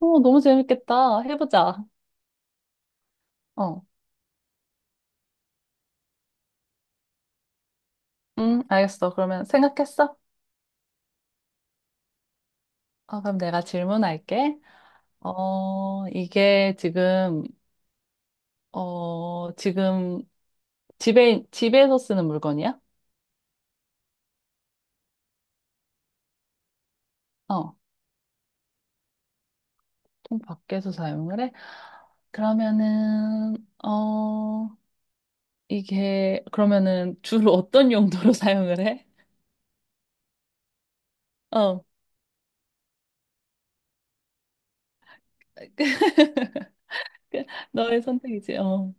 어, 너무 재밌겠다. 해보자. 어, 응 알겠어. 그러면 생각했어? 어, 그럼 내가 질문할게. 어, 이게 지금 집에서 쓰는 물건이야? 어, 좀 밖에서 사용을 해? 그러면은, 어, 그러면은 주로 어떤 용도로 사용을 해? 어, 너의 선택이지. 어,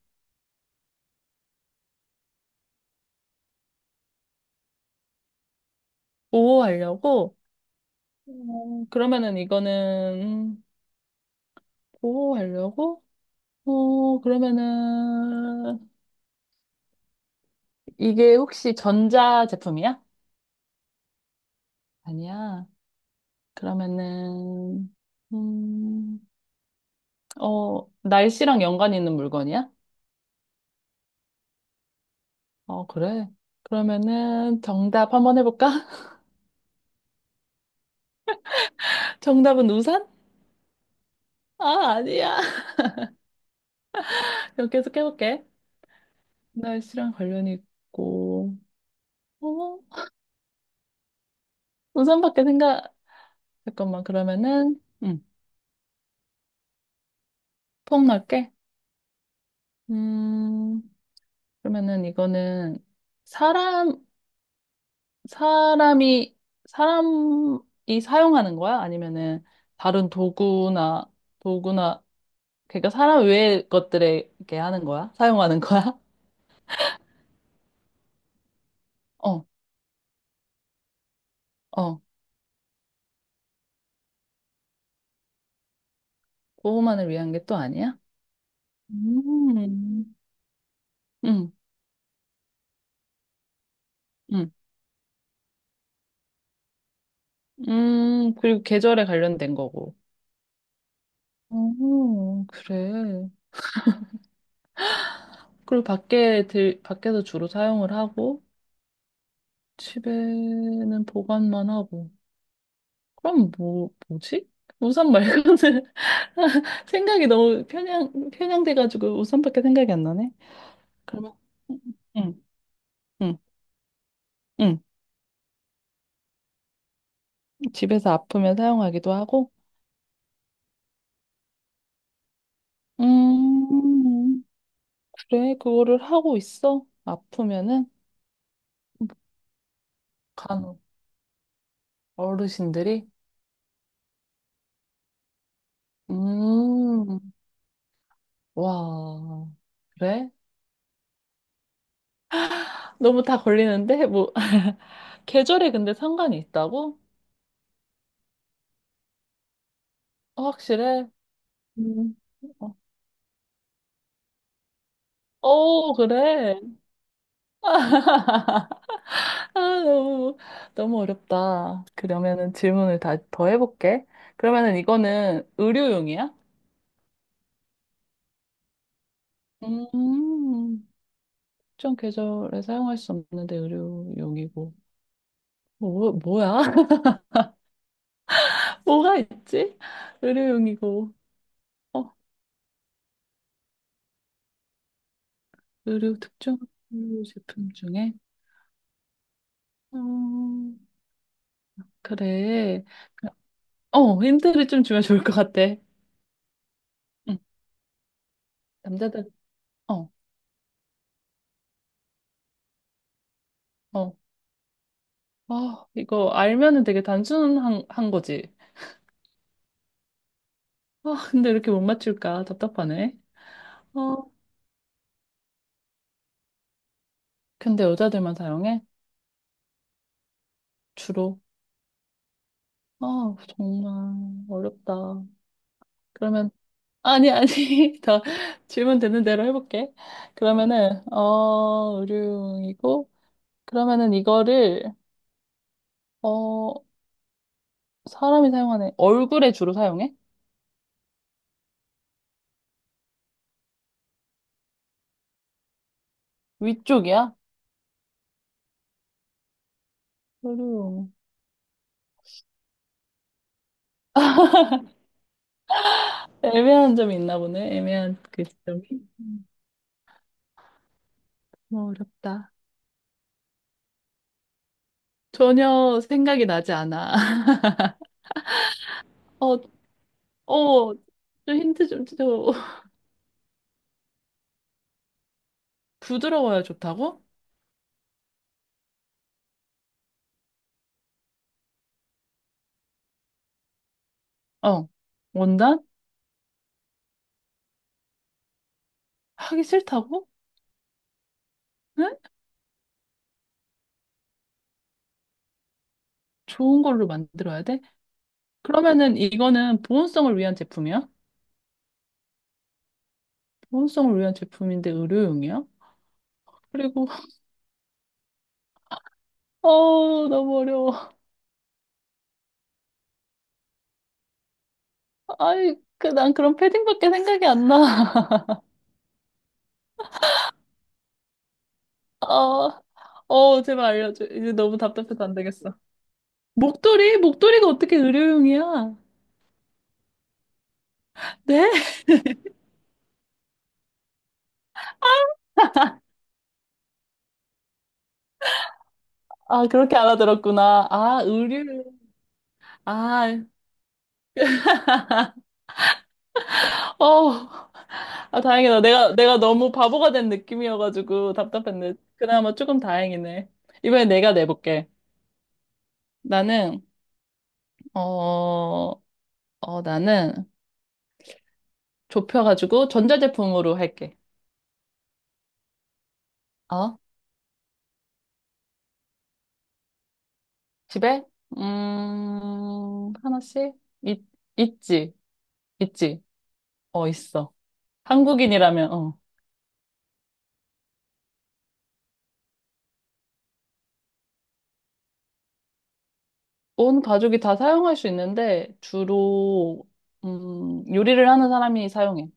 보호하려고? 어, 그러면은 이거는, 보호하려고? 어, 그러면은, 이게 혹시 전자 제품이야? 아니야. 그러면은, 음, 날씨랑 연관이 있는 물건이야? 어, 그래. 그러면은, 정답 한번 해볼까? 정답은 우산? 아, 아니야. 그럼 계속 해볼게. 날씨랑 관련이 있고, 어, 우산밖에 생각, 잠깐만, 그러면은, 폭 넓게? 음, 그러면은 이거는, 사람, 사람이, 사람이 사용하는 거야? 아니면은 다른 도구나, 그러니까 사람 외의 것들에 이렇게 하는 거야? 사용하는 거야? 어, 어. 보호만을 위한 게 또 아니야? 음. 음. 음. 음. 그리고 계절에 관련된 거고. 오, 그래. 그리고 밖에서 주로 사용을 하고, 집에는 보관만 하고. 그럼 뭐지? 우산 말고는 생각이 너무 편향돼가지고 우산밖에 생각이 안 나네. 그러면, 응, 응, 응. 응. 집에서 아프면 사용하기도 하고, 음, 그래, 그거를 하고 있어. 아프면은, 간혹 어르신들이, 음, 와, 그래? 너무 다 걸리는데? 뭐, 계절에 근데 상관이 있다고? 어, 확실해? 음. 어, 어, 그래. 아, 너무, 너무 어렵다. 그러면은 질문을 다 더 해볼게. 그러면은 이거는 의료용이야? 음, 특정 계절에 사용할 수 없는데 의료용이고. 뭐야? 뭐가 있지? 의료용이고. 어, 의료 특정 의료 제품 중에? 음, 그래. 어, 힌트를 좀 주면 좋을 것 같아. 응, 남자들, 어, 어. 아, 이거 알면은 되게 단순한 한 거지. 아, 근데 이렇게 못 맞출까? 답답하네. 어, 근데 여자들만 사용해? 주로? 아, 정말 어렵다. 그러면, 아니, 아니, 더 질문 되는 대로 해볼게. 그러면은, 의류이고 그러면은 이거를, 어, 사람이 사용하네. 얼굴에 주로 사용해? 위쪽이야? 의류 애매한 점이 있나 보네. 애매한 그 점이. 음, 뭐 어렵다. 전혀 생각이 나지 않아. 어, 좀 힌트 좀 줘. 부드러워야 좋다고? 어. 원단? 하기 싫다고? 응? 좋은 걸로 만들어야 돼? 그러면은 이거는 보온성을 위한 제품이야? 보온성을 위한 제품인데 의료용이야? 그리고 너무 어려워. 아이 그난 그런 패딩밖에 생각이 안 나. 어, 어 제발 알려줘. 이제 너무 답답해서 안 되겠어. 목도리? 목도리가 어떻게 의료용이야? 네? 아 그렇게 알아들었구나. 아 의료용. 아 어. 아, 다행이다. 내가 너무 바보가 된 느낌이어가지고 답답했네. 그나마 조금 다행이네. 이번에 내가 내볼게. 나는, 어, 어, 나는 좁혀가지고 전자제품으로 할게. 어? 집에? 하나씩? 있, 있지. 있지. 어, 있어. 한국인이라면, 어. 온 가족이 다 사용할 수 있는데, 주로, 요리를 하는 사람이 사용해.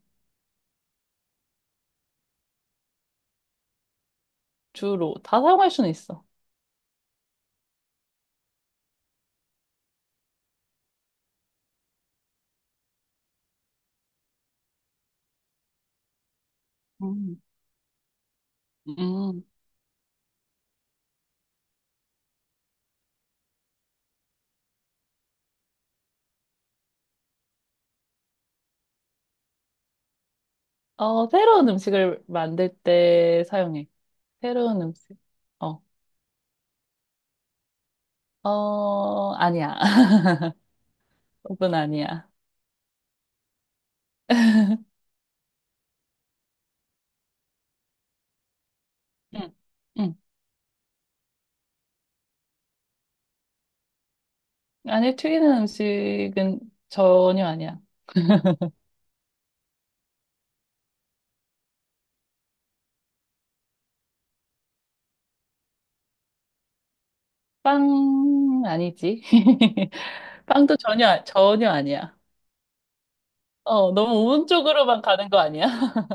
주로. 다 사용할 수는 있어. 음. 음. 어, 새로운 음식을 만들 때 사용해. 새로운 음식. 어, 어, 아니야. 오븐 아니야. 응, 응. 아니, 튀기는 음식은 전혀 아니야. 빵, 아니지. 빵도 전혀 아니야. 어, 너무 오른쪽으로만 가는 거 아니야?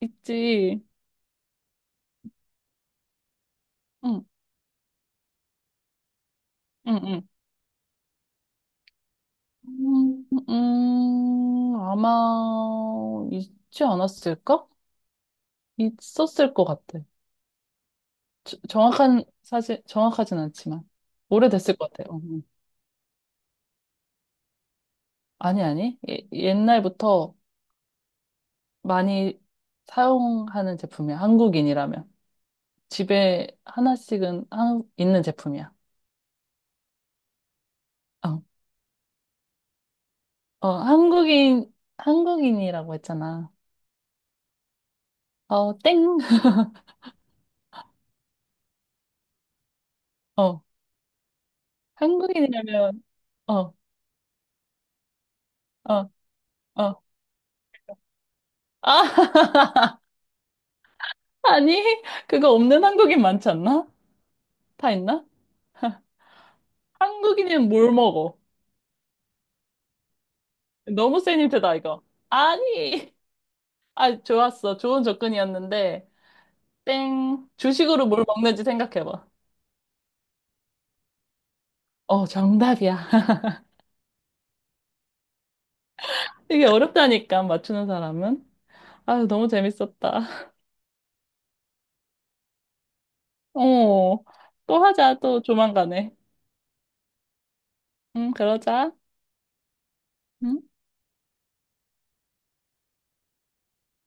있지. 응, 응, 응. 아마 있지 않았을까? 있었을 것 같아. 저- 정확한 사실 정확하진 않지만 오래됐을 것 같아요. 음. 아니 아니 옛날부터 많이 사용하는 제품이야. 한국인이라면 집에 하나씩은 있는 제품이야. 어, 어, 한국인이라고 했잖아. 어, 땡. 어, 한국인이라면 어, 어, 어. 아, 아니 그거 없는 한국인 많지 않나? 다 있나? 한국인은 뭘 먹어? 너무 센 힌트다 이거. 아니. 아, 좋았어. 좋은 접근이었는데, 땡. 주식으로 뭘 먹는지 생각해봐. 어, 정답이야. 이게 어렵다니까, 맞추는 사람은. 아유, 너무 재밌었다. 어, 또 하자, 또 조만간에. 응, 그러자. 응?